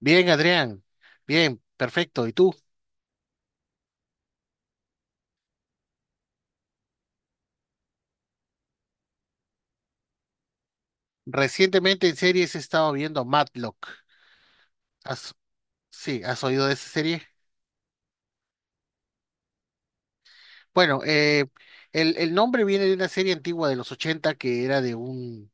Bien, Adrián. Bien, perfecto. ¿Y tú? Recientemente en series he estado viendo Matlock. ¿Has- sí, ¿has oído de esa serie? Bueno, el nombre viene de una serie antigua de los 80 que era de un,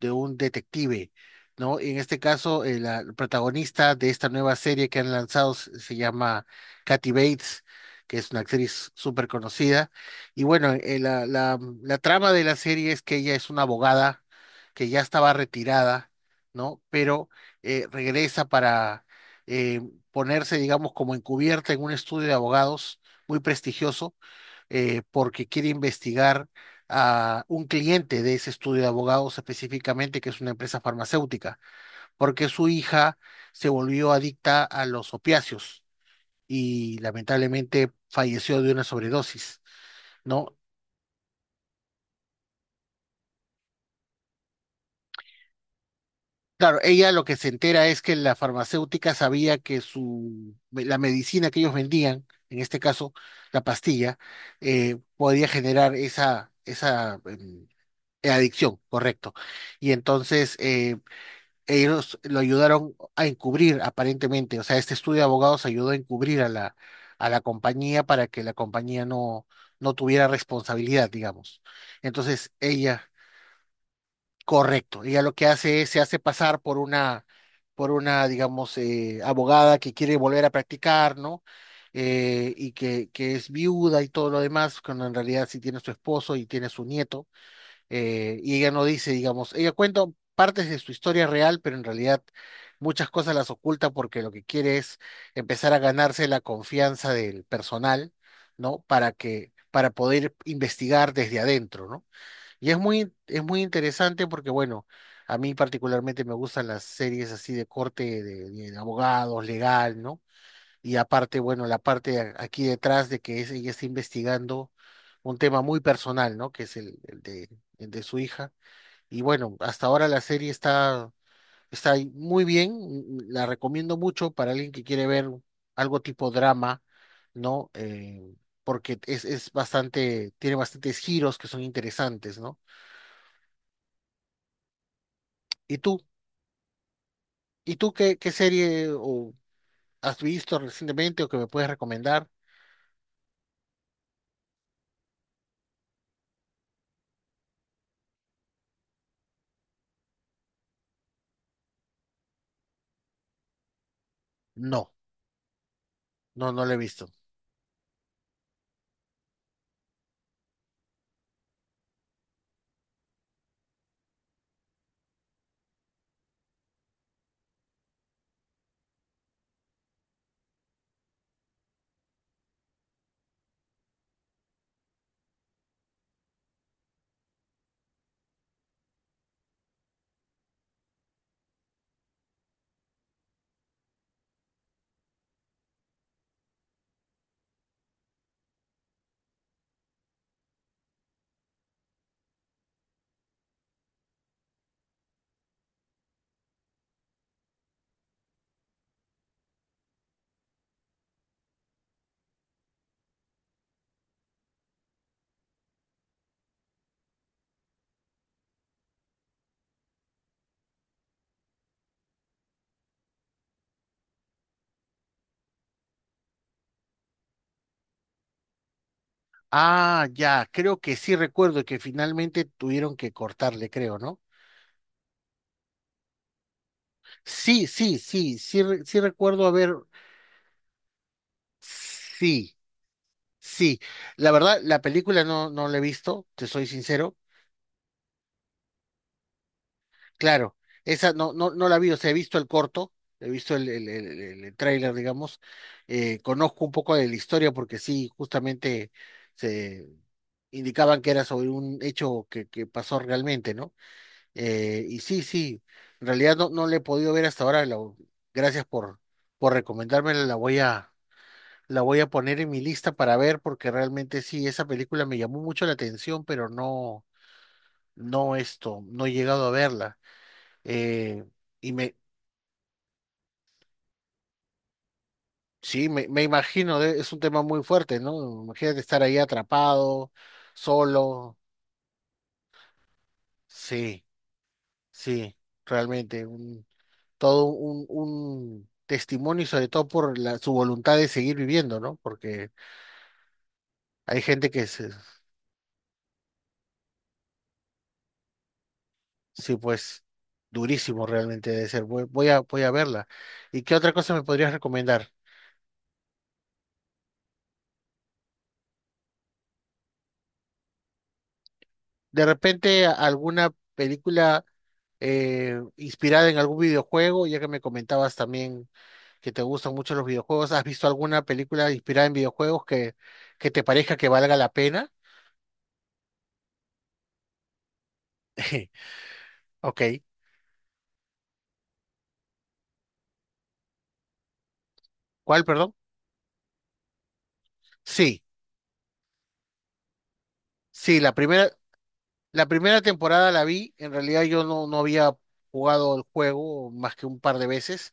de un detective, ¿no? En este caso, la protagonista de esta nueva serie que han lanzado se llama Kathy Bates, que es una actriz súper conocida. Y bueno, la trama de la serie es que ella es una abogada que ya estaba retirada, ¿no? Pero regresa para eh, ponerse, digamos, como encubierta en un estudio de abogados muy prestigioso, porque quiere investigar a un cliente de ese estudio de abogados específicamente, que es una empresa farmacéutica, porque su hija se volvió adicta a los opiáceos y lamentablemente falleció de una sobredosis, ¿no? Claro, ella lo que se entera es que la farmacéutica sabía que la medicina que ellos vendían, en este caso la pastilla, podía generar esa adicción, correcto. Y entonces, ellos lo ayudaron a encubrir, aparentemente. O sea, este estudio de abogados ayudó a encubrir a la compañía para que la compañía no, no tuviera responsabilidad, digamos. Entonces, ella, correcto, ella lo que hace es, se hace pasar por una, digamos, abogada que quiere volver a practicar, ¿no? Y que es viuda y todo lo demás, cuando en realidad sí tiene su esposo y tiene su nieto, y ella no dice, digamos, ella cuenta partes de su historia real, pero en realidad muchas cosas las oculta porque lo que quiere es empezar a ganarse la confianza del personal, ¿no? Para poder investigar desde adentro, ¿no? Y es muy interesante porque, bueno, a mí particularmente me gustan las series así de corte de abogados, legal, ¿no? Y aparte, bueno, la parte aquí detrás de que ella está investigando un tema muy personal, ¿no? Que es el de su hija. Y bueno, hasta ahora la serie está ahí muy bien. La recomiendo mucho para alguien que quiere ver algo tipo drama, ¿no? Porque es bastante, tiene bastantes giros que son interesantes, ¿no? ¿Y tú? ¿Y tú qué serie o has visto recientemente o que me puedes recomendar? No, no, no la he visto. Ah, ya, creo que sí recuerdo que finalmente tuvieron que cortarle, creo, ¿no? Sí, sí, sí, sí, sí recuerdo haber, sí, sí. La verdad, la película no, no la he visto, te soy sincero. Claro, esa no, no, no la vi, o sea, he visto el corto, he visto el tráiler, digamos. Conozco un poco de la historia porque sí, justamente se indicaban que era sobre un hecho que pasó realmente, ¿no? Y sí, sí, en realidad no, no le he podido ver hasta ahora. Gracias por recomendármela. La voy a poner en mi lista para ver, porque realmente sí, esa película me llamó mucho la atención, pero no, no esto, no he llegado a verla. Eh, y me, sí, me imagino, es un tema muy fuerte, ¿no? Imagínate estar ahí atrapado, solo. Sí, sí, realmente. Todo un testimonio y sobre todo por su voluntad de seguir viviendo, ¿no? Porque hay gente que sí, pues, durísimo realmente de ser. Voy a verla. ¿Y qué otra cosa me podrías recomendar? De repente alguna película inspirada en algún videojuego, ya que me comentabas también que te gustan mucho los videojuegos. ¿Has visto alguna película inspirada en videojuegos que te parezca que valga la pena? Ok. ¿Cuál, perdón? Sí, sí, la primera. La primera temporada la vi, en realidad yo no, no había jugado el juego más que un par de veces.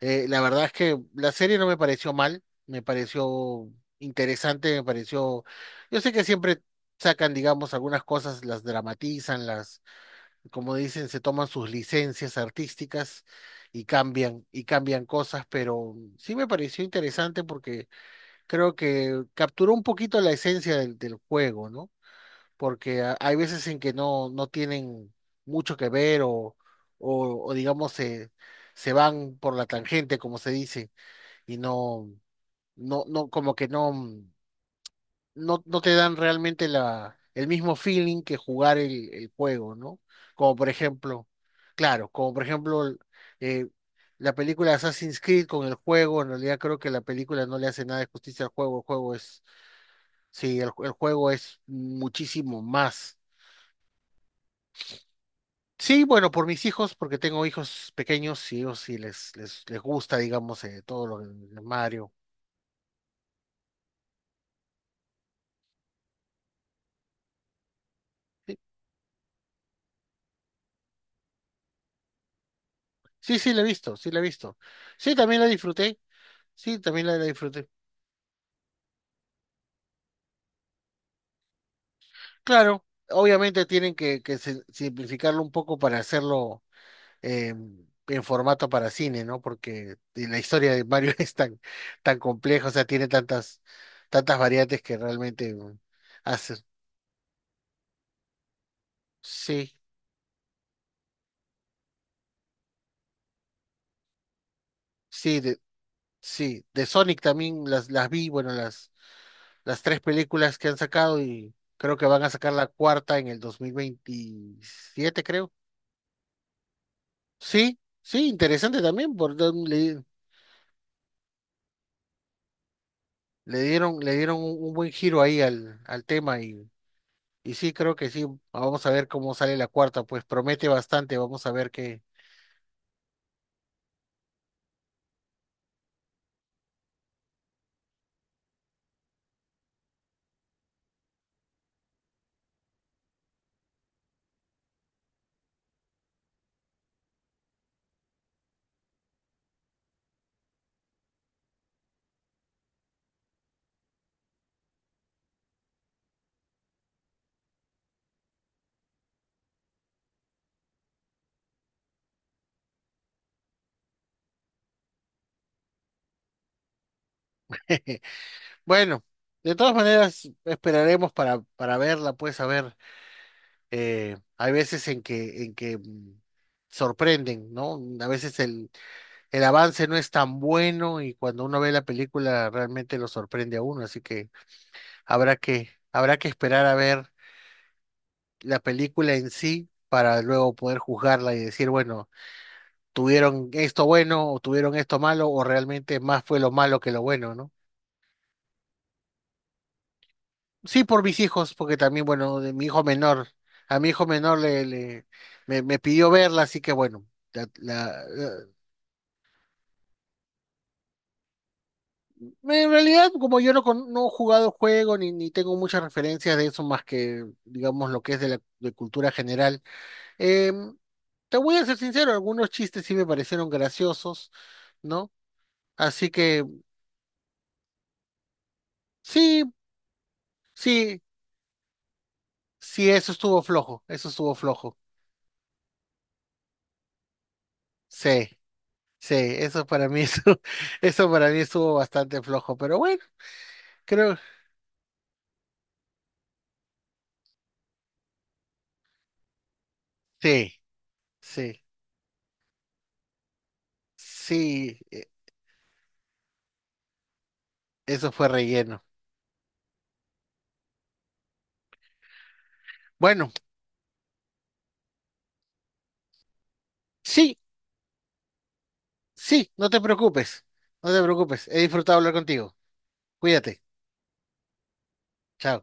La verdad es que la serie no me pareció mal, me pareció interesante, me pareció. Yo sé que siempre sacan, digamos, algunas cosas, las dramatizan, como dicen, se toman sus licencias artísticas y cambian cosas, pero sí me pareció interesante porque creo que capturó un poquito la esencia del juego, ¿no? Porque hay veces en que no, no tienen mucho que ver o, digamos se, se van por la tangente, como se dice, y no, no, no, como que no, no, no te dan realmente el mismo feeling que jugar el juego, ¿no? Como por ejemplo, claro, como por ejemplo eh, la película Assassin's Creed con el juego, en realidad creo que la película no le hace nada de justicia al juego, el juego es, sí, el juego es muchísimo más. Sí, bueno, por mis hijos, porque tengo hijos pequeños y ellos sí les gusta, digamos, todo lo de Mario. Sí, sí, sí, la he visto, sí, la he visto. Sí, también la disfruté, sí, también la disfruté. Claro, obviamente tienen que simplificarlo un poco para hacerlo eh, en formato para cine, ¿no? Porque la historia de Mario es tan, tan compleja, o sea, tiene tantas, tantas variantes que realmente hace. Sí, sí, sí, de Sonic también las vi, bueno, las tres películas que han sacado y creo que van a sacar la cuarta en el 2027 creo. Sí, sí, interesante también, por don- le, le dieron un buen giro ahí al tema y sí, creo que sí, vamos a ver cómo sale la cuarta, pues promete bastante, vamos a ver qué. Bueno, de todas maneras, esperaremos para verla, pues a ver, hay veces en que sorprenden, ¿no? A veces el avance no es tan bueno y cuando uno ve la película realmente lo sorprende a uno, así que habrá que esperar a ver la película en sí para luego poder juzgarla y decir, bueno, tuvieron esto bueno o tuvieron esto malo o realmente más fue lo malo que lo bueno, ¿no? Sí, por mis hijos, porque también, bueno, de mi hijo menor, a mi hijo menor me pidió verla, así que bueno, la, la- la- En realidad, como yo no, no he jugado el juego ni tengo muchas referencias de eso más que, digamos, lo que es de la de cultura general, em, te voy a ser sincero, algunos chistes sí me parecieron graciosos, ¿no? Así que sí, sí, sí, eso estuvo flojo, eso estuvo flojo. Sí, sí, eso para mí, eso para mí estuvo bastante flojo, pero bueno, creo, sí, sí, sí, eso fue relleno. Bueno, sí. Sí, no te preocupes, no te preocupes. He disfrutado hablar contigo. Cuídate. Chao.